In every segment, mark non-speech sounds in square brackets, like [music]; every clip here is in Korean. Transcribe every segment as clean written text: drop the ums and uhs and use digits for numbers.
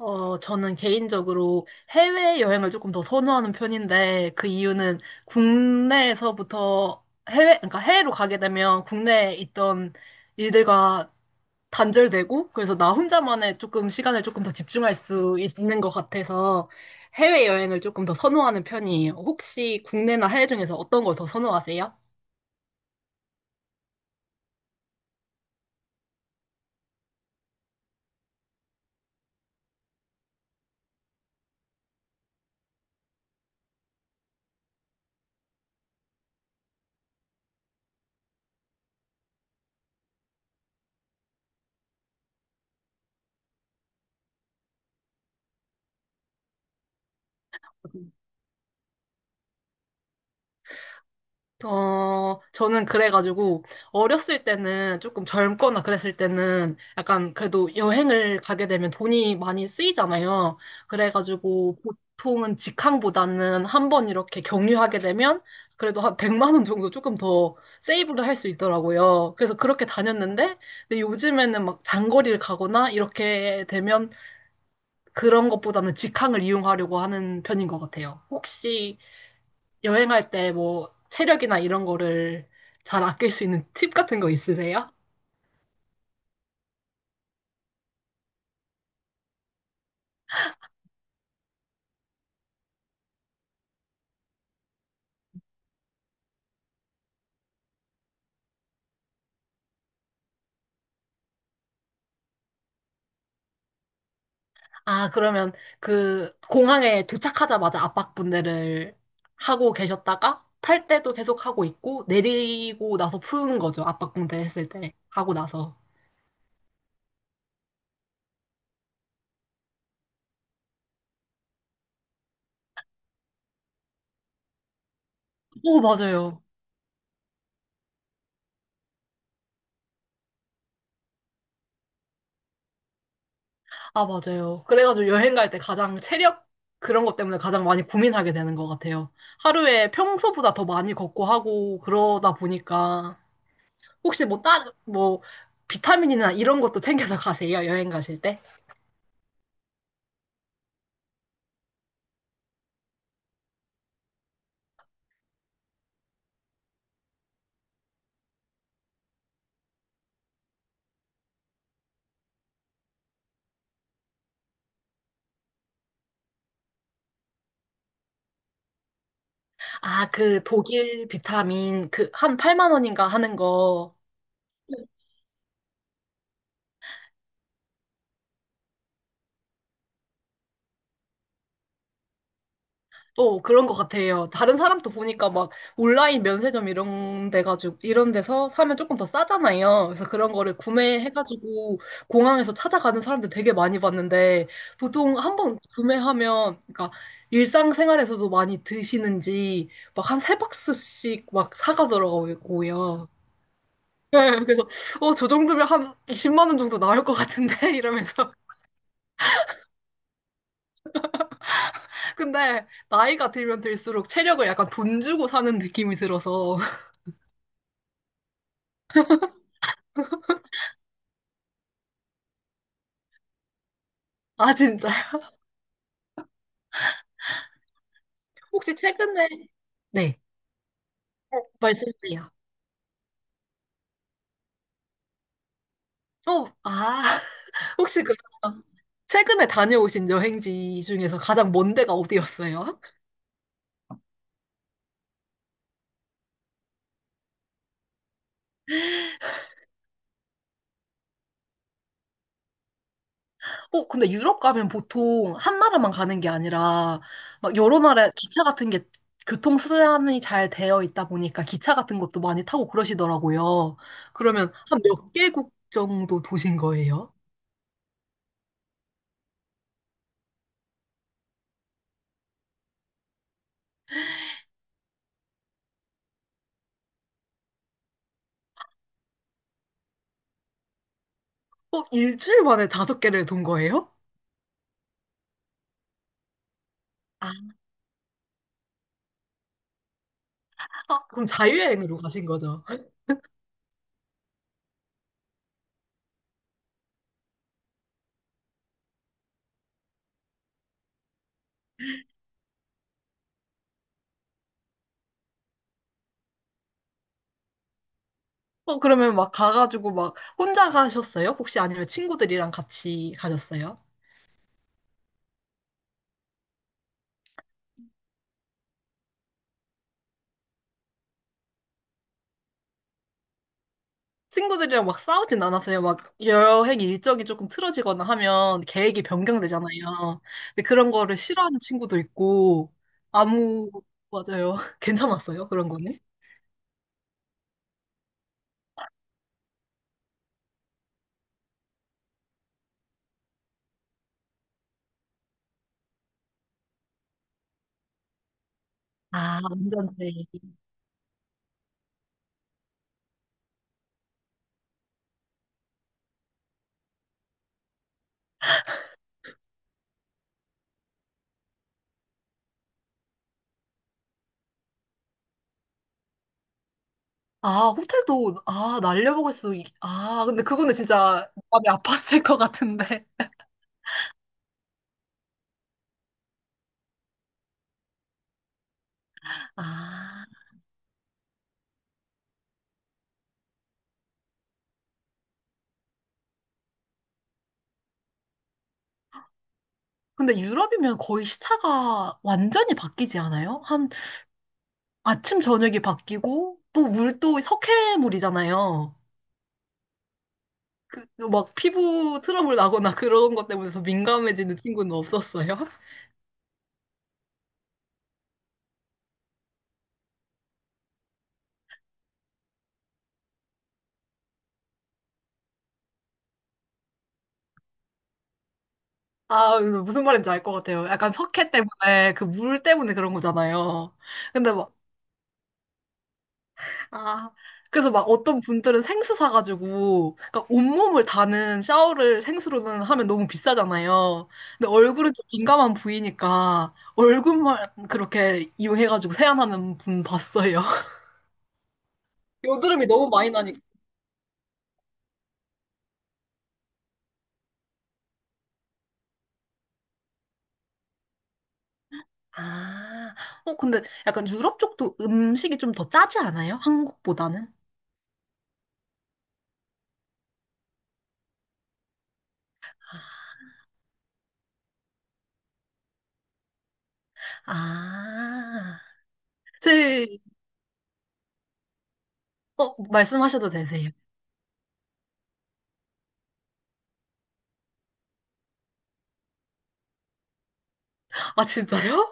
어, 저는 개인적으로 해외여행을 조금 더 선호하는 편인데, 그 이유는 국내에서부터 해외, 그러니까 해외로 가게 되면 국내에 있던 일들과 단절되고, 그래서 나 혼자만의 조금 시간을 조금 더 집중할 수 있는 것 같아서 해외여행을 조금 더 선호하는 편이에요. 혹시 국내나 해외 중에서 어떤 걸 더 선호하세요? 어, 저는 그래가지고, 어렸을 때는 조금 젊거나 그랬을 때는 약간 그래도 여행을 가게 되면 돈이 많이 쓰이잖아요. 그래가지고, 보통은 직항보다는 한 번 이렇게 경유하게 되면 그래도 한 100만 원 정도 조금 더 세이브를 할 수 있더라고요. 그래서 그렇게 다녔는데, 근데 요즘에는 막 장거리를 가거나 이렇게 되면 그런 것보다는 직항을 이용하려고 하는 편인 것 같아요. 혹시 여행할 때 뭐 체력이나 이런 거를 잘 아낄 수 있는 팁 같은 거 있으세요? 아, 그러면 그 공항에 도착하자마자 압박분대를 하고 계셨다가 탈 때도 계속 하고 있고 내리고 나서 푸는 거죠. 압박분대 했을 때 하고 나서. 오, 맞아요. 아, 맞아요. 그래가지고 여행 갈 때 가장 체력 그런 것 때문에 가장 많이 고민하게 되는 것 같아요. 하루에 평소보다 더 많이 걷고 하고 그러다 보니까 혹시 뭐 다른 뭐 비타민이나 이런 것도 챙겨서 가세요? 여행 가실 때? 아, 그 독일 비타민 그 한 8만 원인가 하는 거. 또 그런 것 같아요. 다른 사람도 보니까 막 온라인 면세점 이런 데 가지고 이런 데서 사면 조금 더 싸잖아요. 그래서 그런 거를 구매해가지고 공항에서 찾아가는 사람들 되게 많이 봤는데 보통 한 번 구매하면 그러니까 일상생활에서도 많이 드시는지 막 한 세 박스씩 막 사가더라고요. [laughs] 네, 그래서 어, 저 정도면 한 20만 원 정도 나올 것 같은데 [laughs] 이러면서 근데 나이가 들면 들수록 체력을 약간 돈 주고 사는 느낌이 들어서 [laughs] 아 진짜 혹시 최근에 네 말씀드려 어, 아 [laughs] 혹시 그럼 최근에 다녀오신 여행지 중에서 가장 먼 데가 어디였어요? 어, 근데 유럽 가면 보통 한 나라만 가는 게 아니라 막 여러 나라 기차 같은 게 교통수단이 잘 되어 있다 보니까 기차 같은 것도 많이 타고 그러시더라고요. 그러면 한 몇 개국 정도 도신 거예요? 어, 일주일 만에 다섯 개를 돈 거예요? 아, 그럼 자유여행으로 가신 거죠? 어, 그러면 막 가가지고 막 혼자 가셨어요? 혹시 아니면 친구들이랑 같이 가셨어요? 친구들이랑 막 싸우진 않았어요. 막 여행 일정이 조금 틀어지거나 하면 계획이 변경되잖아요. 근데 그런 거를 싫어하는 친구도 있고, 아무, 맞아요. [laughs] 괜찮았어요. 그런 거는. 아, 완전대 아, 호텔도, 아, 아, 근데 그거는 진짜 마음이 아팠을 것 같은데. [laughs] 아, 근데 유럽이면 거의 시차가 완전히 바뀌지 않아요? 한 아침, 저녁이 바뀌고, 또 물도 석회물이잖아요. 그, 그막 피부 트러블 나거나 [laughs] 그런 것 때문에 더 민감해지는 친구는 없었어요? [laughs] 아, 무슨 말인지 알 것 같아요. 약간 석회 때문에, 그 물 때문에 그런 거잖아요. 근데 막, 아, 그래서 막 어떤 분들은 생수 사가지고, 그러니까 온몸을 다는 샤워를 생수로는 하면 너무 비싸잖아요. 근데 얼굴은 좀 민감한 부위니까, 얼굴만 그렇게 이용해가지고 세안하는 분 봤어요. [laughs] 여드름이 너무 많이 나니까. 아, 어, 근데 약간 유럽 쪽도 음식이 좀 더 짜지 않아요? 한국보다는? 아, 제, 어, 말씀하셔도 되세요. 아, 진짜요?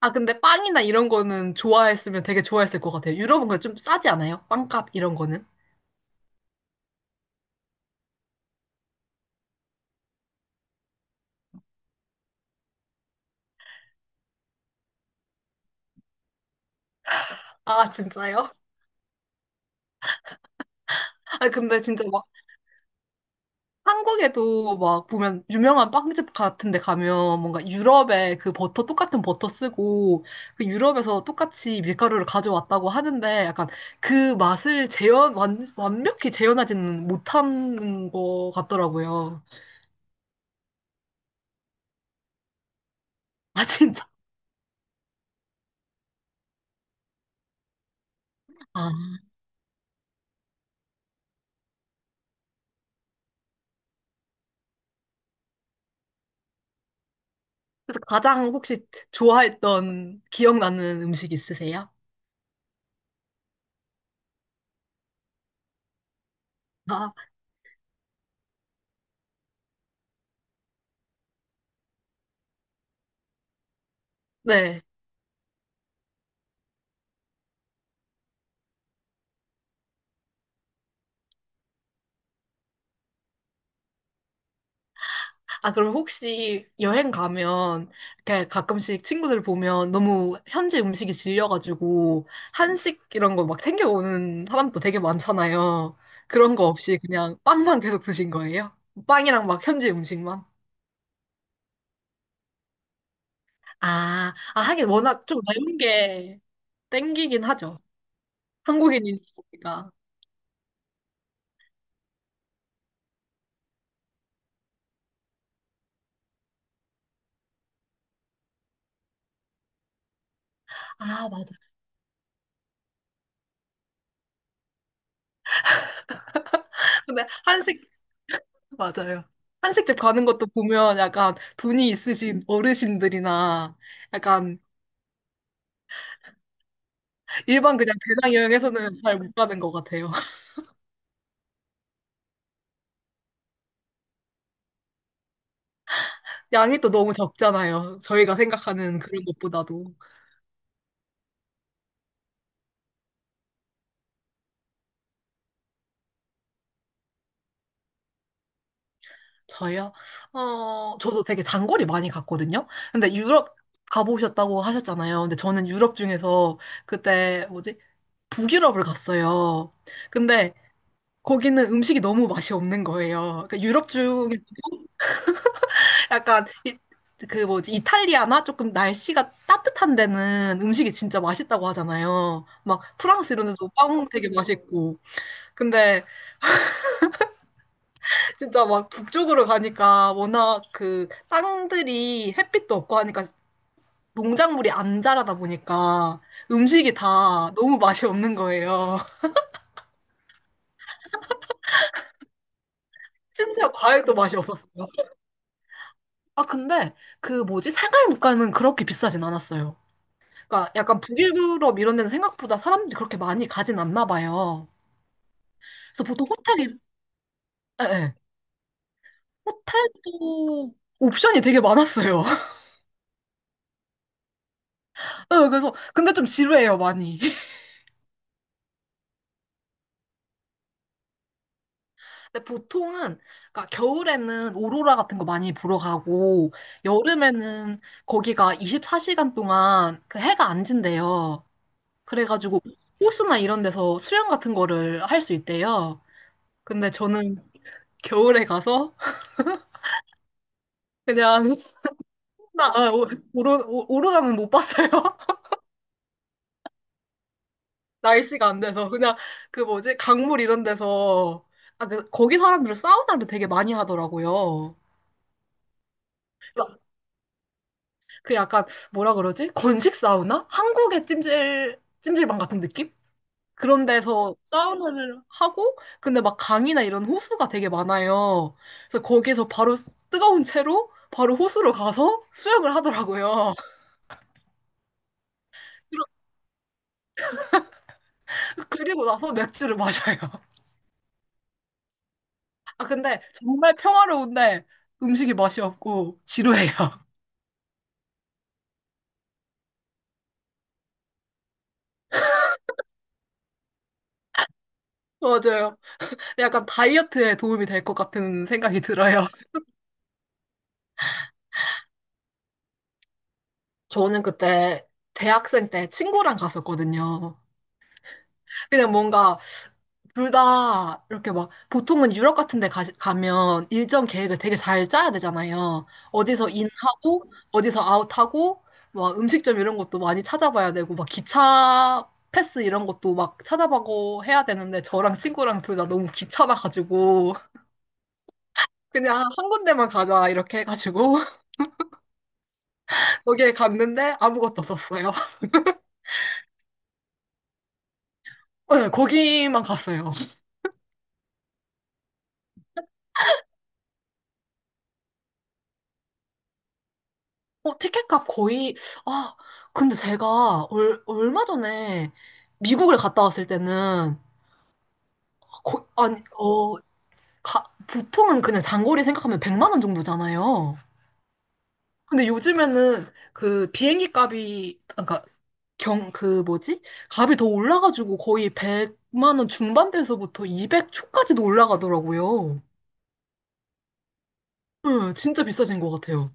아, 근데 빵이나 이런 거는 좋아했으면 되게 좋아했을 것 같아요. 유럽은 그좀 싸지 않아요? 빵값 이런 거는? 아, 진짜요? 아, 근데 진짜 막 한국에도 막 보면 유명한 빵집 같은 데 가면 뭔가 유럽의 그 버터 똑같은 버터 쓰고 그 유럽에서 똑같이 밀가루를 가져왔다고 하는데 약간 그 맛을 재현 완벽히 재현하지는 못한 것 같더라고요. [laughs] 아 진짜. 아, 그래서 가장 혹시 좋아했던 기억나는 음식 있으세요? 아, 네. 아, 그럼 혹시 여행 가면 이렇게 가끔씩 친구들 보면 너무 현지 음식이 질려가지고 한식 이런 거 막 챙겨오는 사람도 되게 많잖아요. 그런 거 없이 그냥 빵만 계속 드신 거예요? 빵이랑 막 현지 음식만? 아 아 하긴 워낙 좀 매운 게 땡기긴 하죠. 한국인이니까. 아, 맞아. 근데 한식, 맞아요. 한식집 가는 것도 보면 약간 돈이 있으신 어르신들이나 약간 일반 그냥 배낭 여행에서는 잘 못 가는 것 같아요. [laughs] 양이 또 너무 적잖아요. 저희가 생각하는 그런 것보다도. 저요? 어, 저도 되게 장거리 많이 갔거든요. 근데 유럽 가보셨다고 하셨잖아요. 근데 저는 유럽 중에서 그때 뭐지? 북유럽을 갔어요. 근데 거기는 음식이 너무 맛이 없는 거예요. 그러니까 유럽 중에 약간 이, 그 뭐지 이탈리아나 조금 날씨가 따뜻한 데는 음식이 진짜 맛있다고 하잖아요. 막 프랑스 이런 데도 빵 되게 맛있고. 근데 진짜 막 북쪽으로 가니까 워낙 그 땅들이 햇빛도 없고 하니까 농작물이 안 자라다 보니까 음식이 다 너무 맛이 없는 거예요. [laughs] 심지어 과일도 맛이 없었어요. 아 근데 그 뭐지 생활 물가는 그렇게 비싸진 않았어요. 그러니까 약간 북유럽 이런 데는 생각보다 사람들이 그렇게 많이 가진 않나 봐요. 그래서 보통 호텔이, 예, 예. 호텔도 옵션이 되게 많았어요. [laughs] 예, 그래서, 근데 좀 지루해요, 많이. [laughs] 근데 보통은, 그러니까 겨울에는 오로라 같은 거 많이 보러 가고, 여름에는 거기가 24시간 동안 그 해가 안 진대요. 그래가지고 호수나 이런 데서 수영 같은 거를 할 수 있대요. 근데 저는 겨울에 가서 그냥 [laughs] 나 오로라는 못 봤어요. 날씨가 안 돼서 그냥 그 뭐지 강물 이런 데서 아, 그 거기 사람들은 사우나를 되게 많이 하더라고요. 막 그 약간 뭐라 그러지? 건식 사우나? 한국의 찜질방 같은 느낌? 그런 데서 사우나를 하고 근데 막 강이나 이런 호수가 되게 많아요. 그래서 거기서 바로 뜨거운 채로 바로 호수로 가서 수영을 하더라고요. [laughs] 그리고 나서 맥주를 마셔요. 아 근데 정말 평화로운데 음식이 맛이 없고 지루해요. [laughs] 맞아요. 약간 다이어트에 도움이 될 것 같은 생각이 들어요. 저는 그때 대학생 때 친구랑 갔었거든요. 그냥 뭔가 둘 다 이렇게 막 보통은 유럽 같은 데 가면 일정 계획을 되게 잘 짜야 되잖아요. 어디서 인하고 어디서 아웃하고 막 음식점 이런 것도 많이 찾아봐야 되고 막 기차 패스 이런 것도 막 찾아보고 해야 되는데 저랑 친구랑 둘 다 너무 귀찮아가지고 그냥 한 군데만 가자 이렇게 해가지고 [laughs] 거기에 갔는데 아무것도 없었어요. 네, 거기만 갔어요. 어, 티켓값 거의, 아, 근데 제가 얼마 전에 미국을 갔다 왔을 때는, 거, 아니, 어, 가, 보통은 그냥 장거리 생각하면 100만 원 정도잖아요. 근데 요즘에는 그 비행기 값이, 그러니까 그 뭐지? 값이 더 올라가지고 거의 100만 원 중반대에서부터 200 초까지도 올라가더라고요. 네, 진짜 비싸진 것 같아요.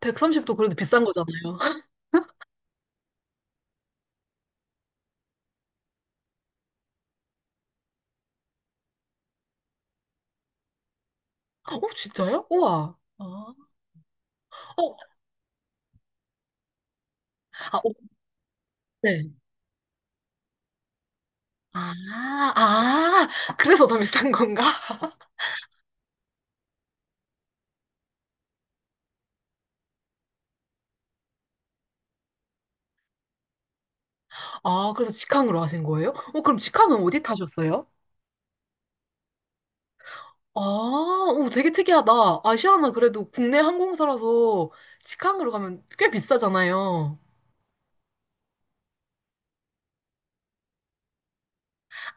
130도 그래도 비싼 거잖아요. [laughs] 어, 진짜요? 우와. 아. 어, 아, 오, 네. 아, 아, 그래서 더 비싼 건가? 아, 그래서 직항으로 하신 거예요? 어, 그럼 직항은 어디 타셨어요? 아, 오, 되게 특이하다. 아시아나 그래도 국내 항공사라서 직항으로 가면 꽤 비싸잖아요.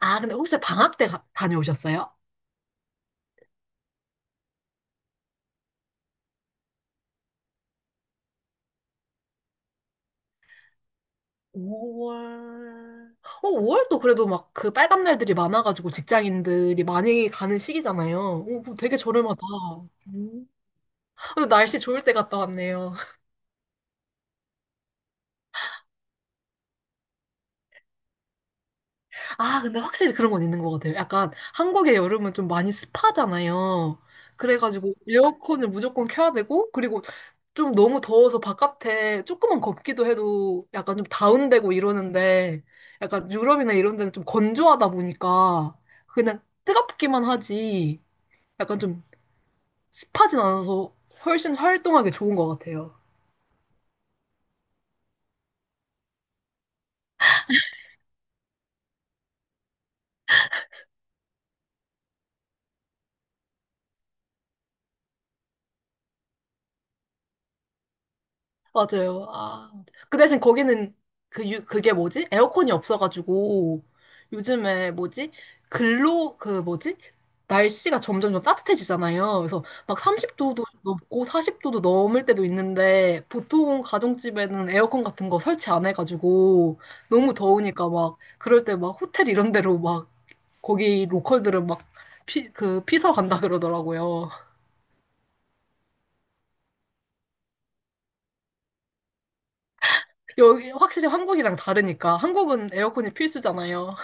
아, 근데 혹시 방학 때 다녀오셨어요? 5월. 어, 5월도 그래도 막 그 빨간 날들이 많아가지고 직장인들이 많이 가는 시기잖아요. 오, 그럼 되게 저렴하다. 음. 근데 날씨 좋을 때 갔다 왔네요. 아, 근데 확실히 그런 건 있는 것 같아요. 약간 한국의 여름은 좀 많이 습하잖아요. 그래가지고 에어컨을 무조건 켜야 되고, 그리고 좀 너무 더워서 바깥에 조금만 걷기도 해도 약간 좀 다운되고 이러는데, 약간 유럽이나 이런 데는 좀 건조하다 보니까 그냥 뜨겁기만 하지, 약간 좀 습하진 않아서 훨씬 활동하기 좋은 것 같아요. 맞아요. 아, 그 대신 거기는 그 유, 그게 뭐지? 에어컨이 없어가지고 요즘에 뭐지? 글로 그 뭐지? 날씨가 점점 점 따뜻해지잖아요. 그래서 막 30도도 넘고 40도도 넘을 때도 있는데 보통 가정집에는 에어컨 같은 거 설치 안 해가지고 너무 더우니까 막 그럴 때 막 호텔 이런 데로 막 거기 로컬들은 막 그 피서 간다 그러더라고요. 여기 확실히 한국이랑 다르니까 한국은 에어컨이 필수잖아요.